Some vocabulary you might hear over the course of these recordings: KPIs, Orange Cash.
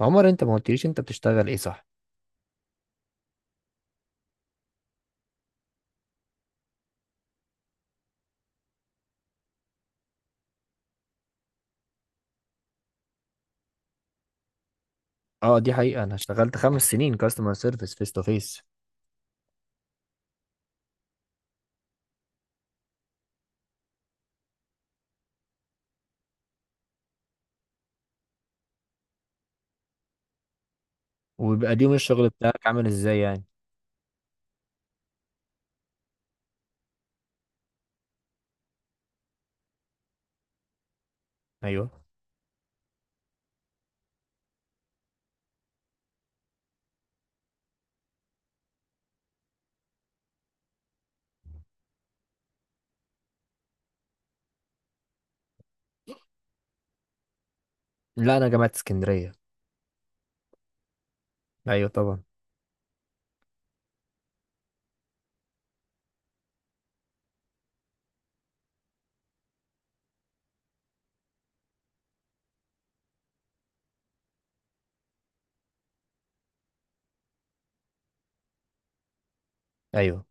عمر، انت ما قلتليش انت بتشتغل ايه، صح؟ اه، دي حقيقة. انا اشتغلت 5 سنين كاستمر سيرفيس فيس تو فيس. وبيبقى اليوم الشغل بتاعك عامل ازاي يعني؟ ايوه. لا، انا جامعة اسكندرية. ايوه طبعا. ايوه،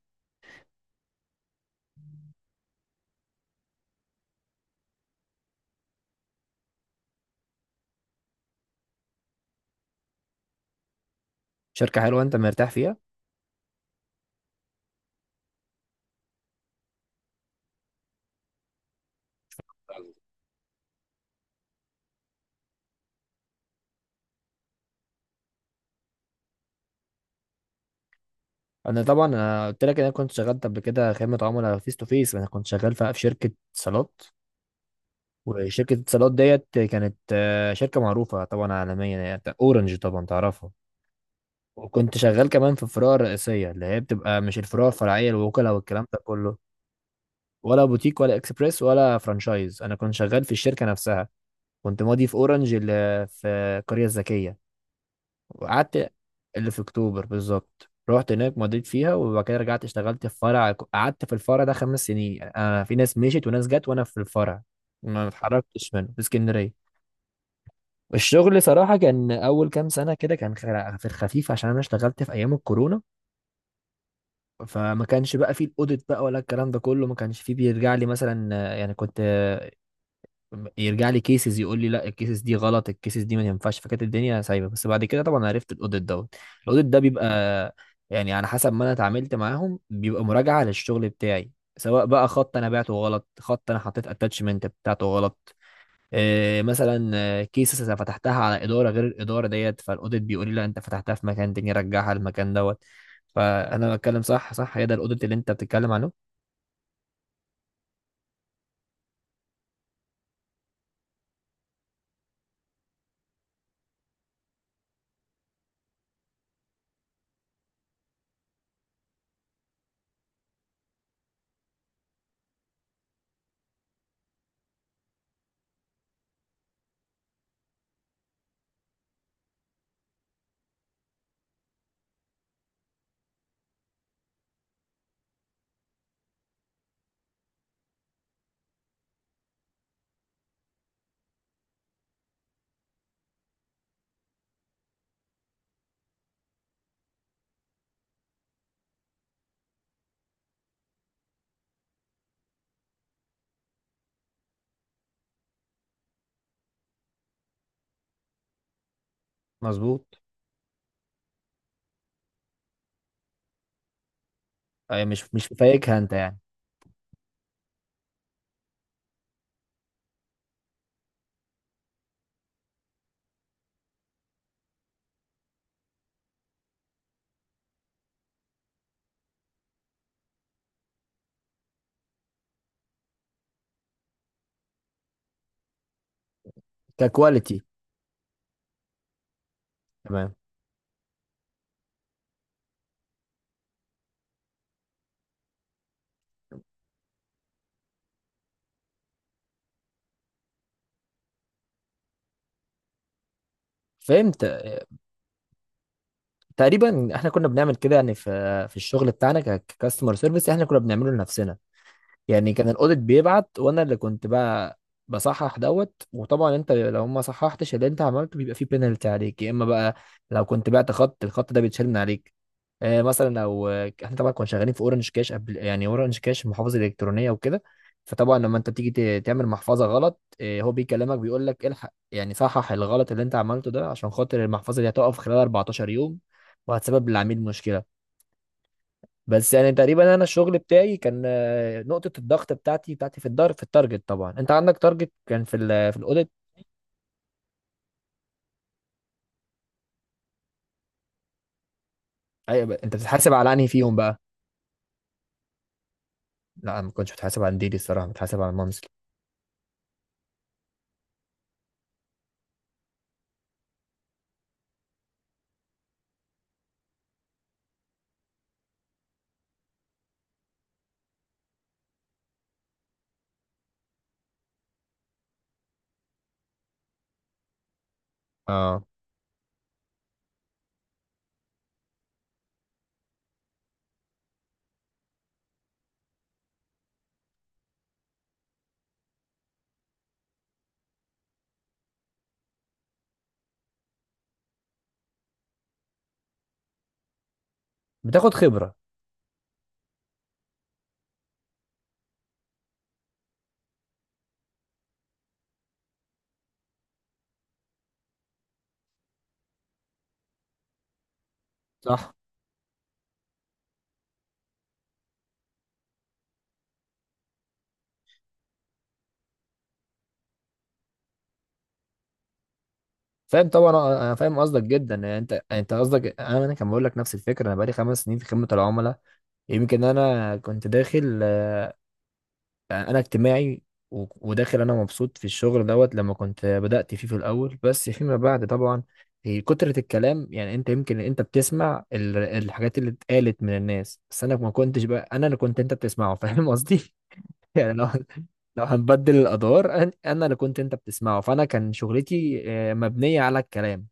شركة حلوة، انت مرتاح فيها؟ انا طبعا، انا قلت لك ان انا كنت شغال قبل كده خدمة عملاء فيس تو فيس. انا كنت شغال في شركة اتصالات. وشركة اتصالات ديت كانت شركة معروفة طبعا عالميا، يعني اورنج طبعا تعرفها. وكنت شغال كمان في الفروع الرئيسية، اللي هي بتبقى مش الفروع الفرعية، الوكلاء والكلام ده كله. ولا بوتيك ولا اكسبريس ولا فرانشايز، انا كنت شغال في الشركه نفسها. كنت ماضي في اورنج اللي في القريه الذكيه، وقعدت. اللي في اكتوبر بالظبط، رحت هناك مضيت فيها، وبعد كده رجعت اشتغلت في فرع. قعدت في الفرع ده 5 سنين. انا، في ناس مشيت وناس جت وانا في الفرع، ما اتحركتش منه، في اسكندريه. الشغل صراحه كان اول كام سنه كده كان في الخفيف، عشان انا اشتغلت في ايام الكورونا. فما كانش بقى فيه الاوديت بقى ولا الكلام ده كله. ما كانش فيه بيرجع لي مثلا، يعني كنت يرجع لي كيسز، يقول لي لا، الكيسز دي غلط، الكيسز دي ما ينفعش. فكانت الدنيا سايبه، بس بعد كده طبعا عرفت الاوديت دوت. الاوديت ده بيبقى، يعني على حسب ما انا اتعاملت معاهم، بيبقى مراجعه للشغل بتاعي، سواء بقى خط انا بعته غلط، خط انا حطيت اتاتشمنت بتاعته غلط، إيه مثلا كيسز انا فتحتها على اداره غير الاداره ديت، فالاوديت بيقول لي لا، انت فتحتها في مكان تاني، رجعها المكان دوت. فانا بتكلم صح؟ صح، هي ده الاوديت اللي انت بتتكلم عنه؟ مظبوط. أي، مش فايكها انت يعني. ككواليتي. تمام، فهمت. تقريبا احنا كنا بنعمل كده، يعني في الشغل بتاعنا ككاستمر سيرفيس احنا كنا بنعمله لنفسنا. يعني كان الاوديت بيبعت، وانا اللي كنت بقى بصحح دوت. وطبعا انت لو ما صححتش اللي انت عملته بيبقى فيه بينالتي عليك، يا اما بقى لو كنت بعت خط، الخط ده بيتشال من عليك. مثلا لو احنا طبعا كنا شغالين في اورنج كاش قبل، يعني اورنج كاش محافظه الكترونيه وكده. فطبعا لما انت بتيجي تعمل محفظه غلط، هو بيكلمك بيقول لك الحق، يعني صحح الغلط اللي انت عملته ده عشان خاطر المحفظه دي هتقف خلال 14 يوم، وهتسبب للعميل مشكله. بس يعني تقريبا، انا الشغل بتاعي كان نقطة الضغط بتاعتي في الدار، في التارجت. طبعا انت عندك تارجت، كان في في الاوديت. أيوة، انت بتتحاسب على انهي فيهم بقى؟ لا، انا ما كنتش بتحاسب على ديلي الصراحة، بتحاسب على المنزل. اه، بتاخد خبرة. صح. فاهم طبعا، انا فاهم قصدك جدا يعني. انت يعني انت قصدك، انا كان بقول لك نفس الفكرة، انا بقالي 5 سنين في خدمة العملاء. يمكن انا كنت داخل، يعني انا اجتماعي. وداخل، انا مبسوط في الشغل دوت لما كنت بدأت فيه في الاول، بس فيما بعد طبعا، هي كترة الكلام. يعني انت يمكن انت بتسمع الحاجات اللي اتقالت من الناس، بس انا ما كنتش بقى انا اللي كنت انت بتسمعه. فاهم قصدي؟ يعني لو هنبدل الادوار، انا اللي كنت انت بتسمعه، فانا كان شغلتي مبنية على الكلام،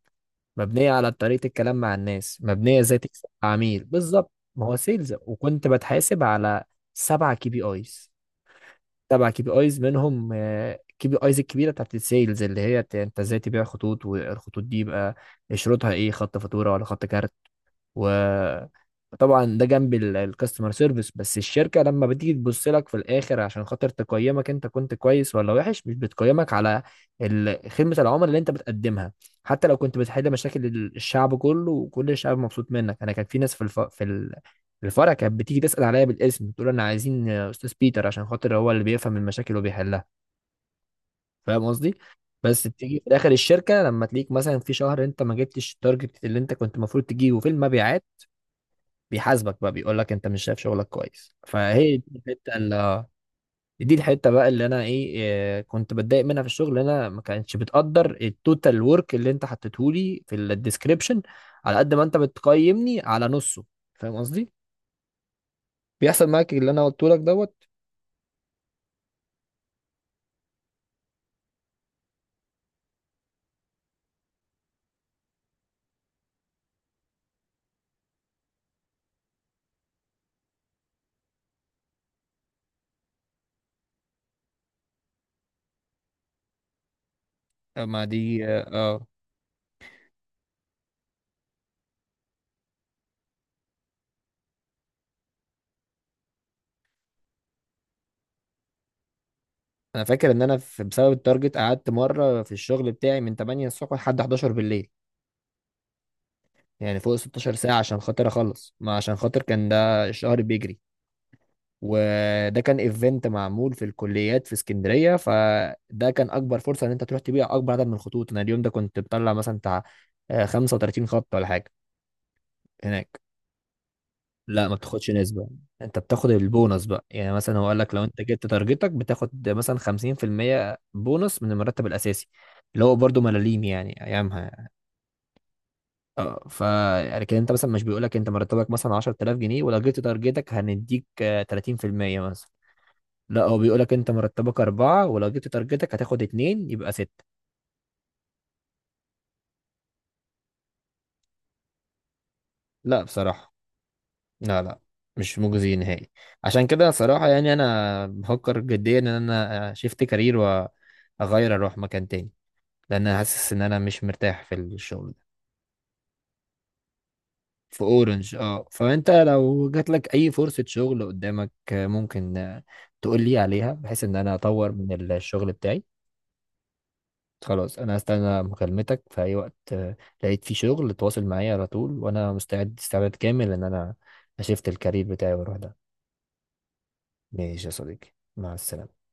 مبنية على طريقة الكلام مع الناس، مبنية ازاي تكسب عميل، بالظبط. ما هو سيلز، وكنت بتحاسب على سبعة KPIs. تبع KPIs منهم، كي بي ايز الكبيره بتاعت السيلز، اللي هي انت ازاي تبيع خطوط، والخطوط دي يبقى شروطها ايه، خط فاتوره ولا خط كارت. وطبعا ده جنب الكاستمر سيرفيس. بس الشركه لما بتيجي تبص لك في الاخر عشان خاطر تقيمك، انت كنت كويس ولا وحش، مش بتقيمك على خدمه العملاء اللي انت بتقدمها. حتى لو كنت بتحل مشاكل الشعب كله، وكل الشعب مبسوط منك. انا كان في ناس في في الفرع كانت بتيجي تسال عليا بالاسم، تقول انا عايزين استاذ بيتر عشان خاطر هو اللي بيفهم المشاكل وبيحلها. فاهم قصدي؟ بس بتيجي في الاخر الشركه لما تلاقيك مثلا في شهر انت ما جبتش التارجت اللي انت كنت المفروض تجيبه في المبيعات، بيحاسبك بقى بيقول لك انت مش شايف شغلك كويس. فهي دي الحته اللي، دي الحته بقى اللي انا ايه، كنت بتضايق منها في الشغل، إن انا ما كانتش بتقدر التوتال ورك اللي انت حطيته لي في الديسكريبشن، على قد ما انت بتقيمني على نصه. فاهم قصدي؟ بيحصل معاك اللي انا قلته لك دوت. آه، ما دي اه، آه. انا فاكر ان انا بسبب التارجت قعدت مره في الشغل بتاعي من 8 الصبح لحد 11 بالليل. يعني فوق 16 ساعه عشان خاطر اخلص، ما عشان خاطر كان ده الشهر بيجري. وده كان ايفنت معمول في الكليات في اسكندريه، فده كان اكبر فرصه ان انت تروح تبيع اكبر عدد من الخطوط. انا اليوم ده كنت بطلع مثلا بتاع 35 خط ولا حاجه، هناك. لا، ما بتاخدش نسبه. انت بتاخد البونص بقى يعني، مثلا هو قال لك لو انت جبت تارجتك بتاخد مثلا 50% بونص من المرتب الاساسي، اللي هو برضه ملاليم يعني ايامها. اه. لكن انت مثلا مش بيقول لك انت مرتبك مثلا 10,000 جنيه، ولو جبت تارجتك هنديك 30% مثلا. لا، هو بيقولك انت مرتبك اربعة، ولو جبت تارجتك هتاخد اتنين يبقى ستة. لا بصراحة. لا، لا، مش مجزي نهائي. عشان كده صراحة يعني أنا بفكر جديا إن أنا شيفت كارير وأغير، أروح مكان تاني، لأن أنا حاسس إن أنا مش مرتاح في الشغل ده. في أورنج، أه. فأنت لو جاتلك أي فرصة شغل قدامك ممكن تقول لي عليها، بحيث إن أنا أطور من الشغل بتاعي. خلاص، انا هستنى مكالمتك في اي وقت. لقيت فيه شغل، تواصل معايا على طول، وانا مستعد استعداد كامل ان انا اشفت الكارير بتاعي واروح ده. ماشي يا صديقي، مع السلامة.